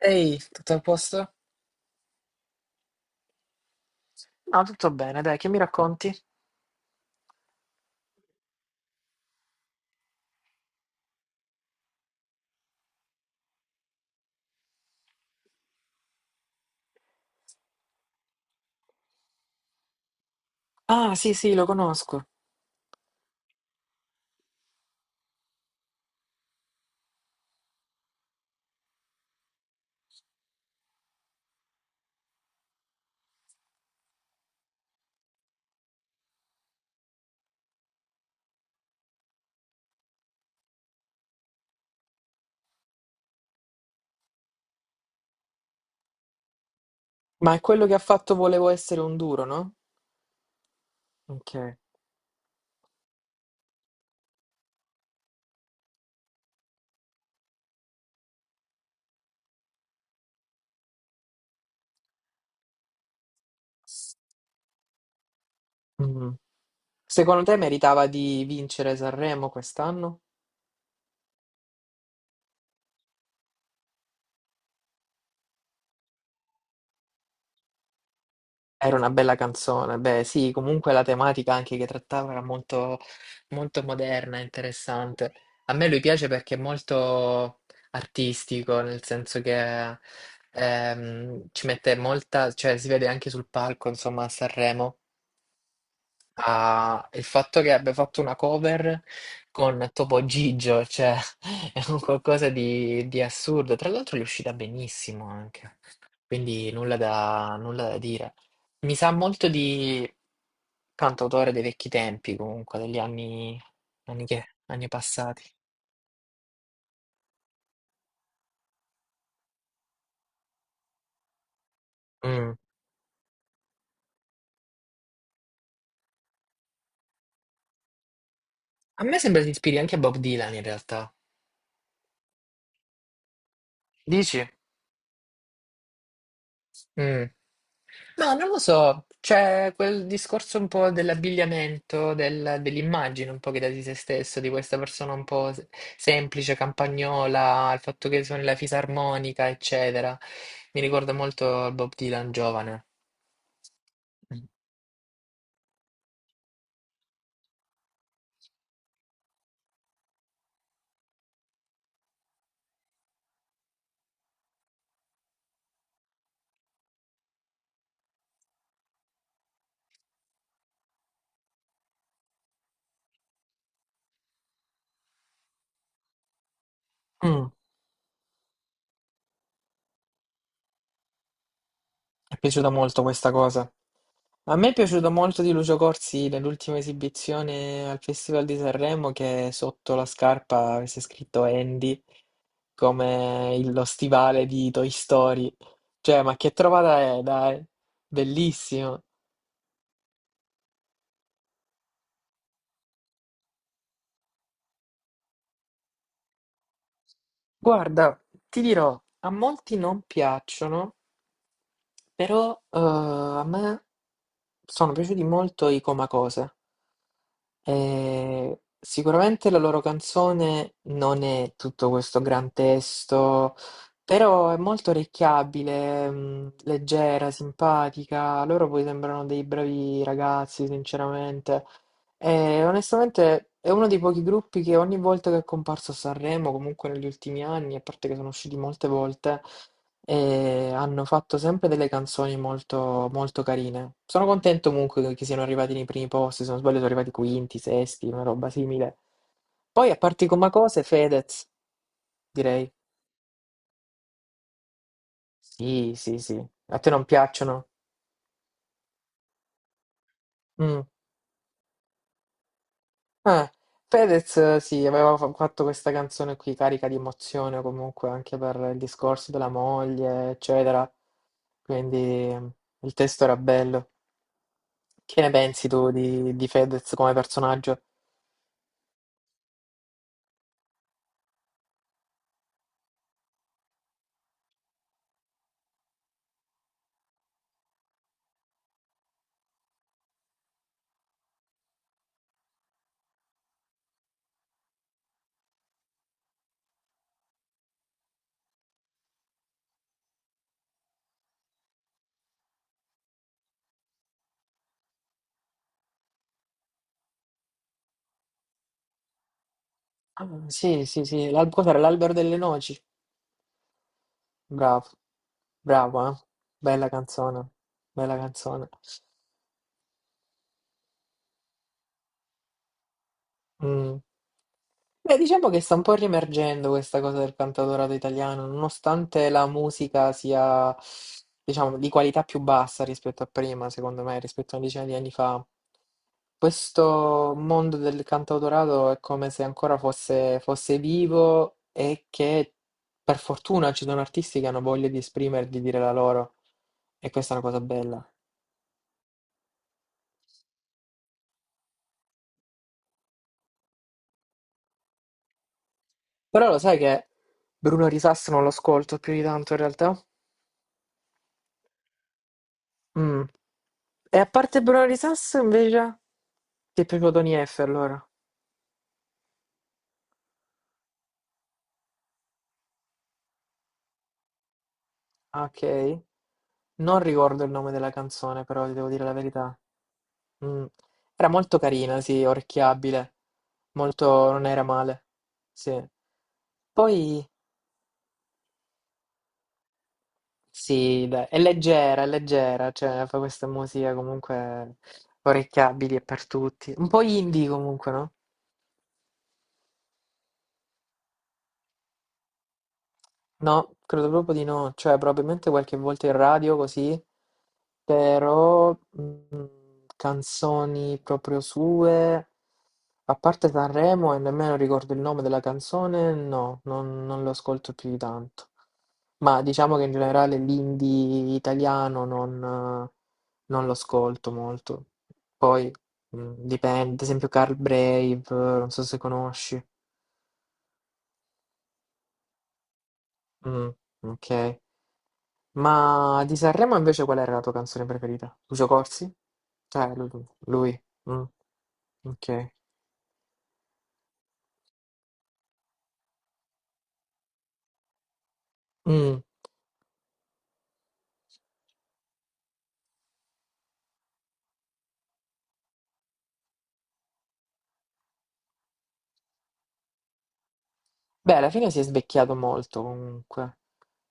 Ehi, tutto a posto? Ah, tutto bene, dai, che mi racconti? Ah, sì, sì, lo conosco. Ma è quello che ha fatto Volevo essere un duro, no? Ok. Mm. Secondo te meritava di vincere Sanremo quest'anno? Era una bella canzone. Beh, sì, comunque la tematica anche che trattava era molto moderna, interessante. A me lui piace perché è molto artistico, nel senso che ci mette molta, cioè si vede anche sul palco, insomma, a Sanremo. Ah, il fatto che abbia fatto una cover con Topo Gigio, cioè è un qualcosa di assurdo. Tra l'altro gli è uscita benissimo anche, quindi nulla da dire. Mi sa molto di cantautore dei vecchi tempi, comunque, degli anni, anni passati. Mm. A me sembra si ispiri anche a Bob Dylan in realtà. Dici? Mm. No, non lo so, c'è quel discorso un po' dell'abbigliamento, dell'immagine un po' che dà di se stesso, di questa persona un po' semplice, campagnola, il fatto che suoni la fisarmonica, eccetera. Mi ricorda molto Bob Dylan giovane. Mm, è piaciuta molto questa cosa. A me è piaciuto molto di Lucio Corsi nell'ultima esibizione al Festival di Sanremo che sotto la scarpa avesse scritto Andy, come lo stivale di Toy Story. Cioè, ma che trovata è, dai? Bellissimo. Guarda, ti dirò, a molti non piacciono, però a me sono piaciuti molto i Comacose. Sicuramente la loro canzone non è tutto questo gran testo, però è molto orecchiabile, leggera, simpatica. Loro poi sembrano dei bravi ragazzi, sinceramente. E onestamente è uno dei pochi gruppi che ogni volta che è comparso a Sanremo, comunque negli ultimi anni, a parte che sono usciti molte volte e hanno fatto sempre delle canzoni molto carine. Sono contento comunque che siano arrivati nei primi posti, se non sbaglio sono arrivati quinti, sesti, una roba simile. Poi a parti come cose, Fedez, direi. Sì, sì, sì. A te non piacciono? Mm. Eh, Fedez, sì, aveva fatto questa canzone qui carica di emozione comunque anche per il discorso della moglie, eccetera. Quindi il testo era bello. Che ne pensi tu di Fedez come personaggio? Ah, sì, sì, sì. Cos'era? L'albero delle noci. Bravo, bravo, eh. Bella canzone, bella canzone. Mm. Beh, diciamo che sta un po' riemergendo questa cosa del cantautorato italiano, nonostante la musica sia, diciamo, di qualità più bassa rispetto a prima, secondo me, rispetto a una decina di anni fa. Questo mondo del cantautorato è come se ancora fosse vivo e che per fortuna ci sono artisti che hanno voglia di esprimere, di dire la loro. E questa è una cosa bella. Però lo sai che Bruno Risassi non lo ascolto più di tanto in realtà? Mm. E a parte Bronary Sass invece, ti è piaciuto Tony F allora? Ah, ok. Non ricordo il nome della canzone, però ti devo dire la verità. Mm. Era molto carina, sì, orecchiabile. Molto, non era male. Sì. Poi, sì, dai, è leggera, cioè fa questa musica comunque orecchiabili e per tutti. Un po' indie comunque, no? No, credo proprio di no, cioè probabilmente qualche volta in radio così, però canzoni proprio sue, a parte Sanremo e nemmeno ricordo il nome della canzone, no, non lo ascolto più di tanto. Ma diciamo che in generale l'indie italiano non lo ascolto molto. Poi dipende, ad esempio Carl Brave, non so se conosci. Mm, ok. Ma di Sanremo invece qual era la tua canzone preferita? Lucio Corsi? Cioè, lui. Mm, ok. Mm. Beh, alla fine si è svecchiato molto comunque.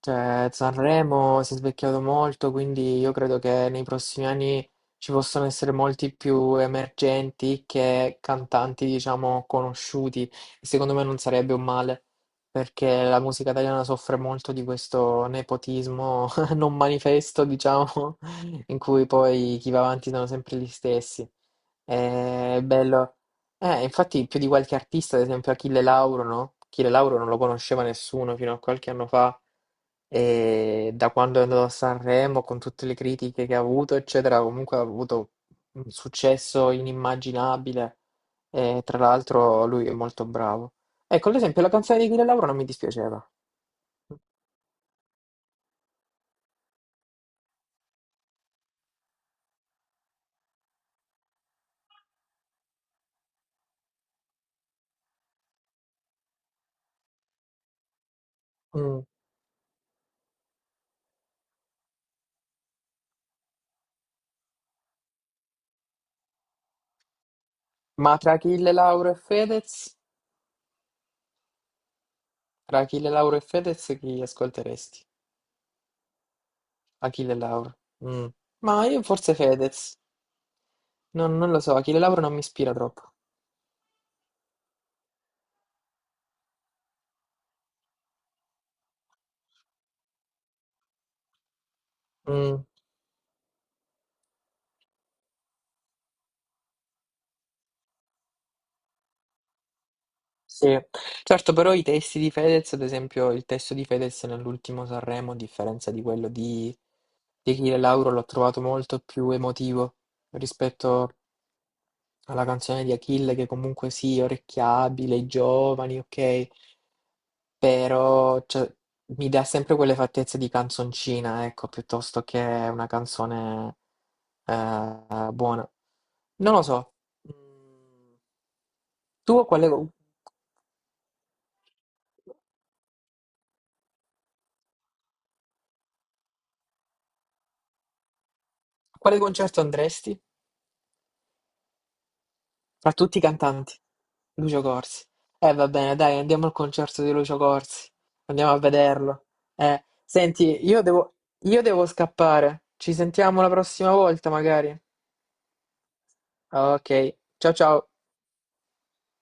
Cioè, Sanremo si è svecchiato molto, quindi io credo che nei prossimi anni ci possano essere molti più emergenti che cantanti, diciamo, conosciuti. E secondo me non sarebbe un male, perché la musica italiana soffre molto di questo nepotismo non manifesto, diciamo, in cui poi chi va avanti sono sempre gli stessi. È bello. Infatti più di qualche artista, ad esempio Achille Lauro, no? Achille Lauro non lo conosceva nessuno fino a qualche anno fa e da quando è andato a Sanremo, con tutte le critiche che ha avuto, eccetera, comunque ha avuto un successo inimmaginabile e tra l'altro lui è molto bravo. Ecco, ad esempio la canzone di Achille Lauro non mi dispiaceva. Mm. Ma tra Achille Lauro e Fedez, tra Achille Lauro e Fedez chi ascolteresti? Achille Lauro. Mm. Ma io forse Fedez. Non lo so, Achille Lauro non mi ispira troppo. Mm, sì, certo, però i testi di Fedez, ad esempio, il testo di Fedez nell'ultimo Sanremo, a differenza di quello di Achille Lauro, l'ho trovato molto più emotivo rispetto alla canzone di Achille, che comunque sì, orecchiabile, giovani, ok, però cioè, mi dà sempre quelle fattezze di canzoncina, ecco, piuttosto che una canzone buona. Non lo so. Mm. Tu quale, Quale concerto andresti? Fra tutti i cantanti. Lucio Corsi. Va bene, dai, andiamo al concerto di Lucio Corsi. Andiamo a vederlo. Senti, io devo scappare. Ci sentiamo la prossima volta, magari. Ok, ciao ciao.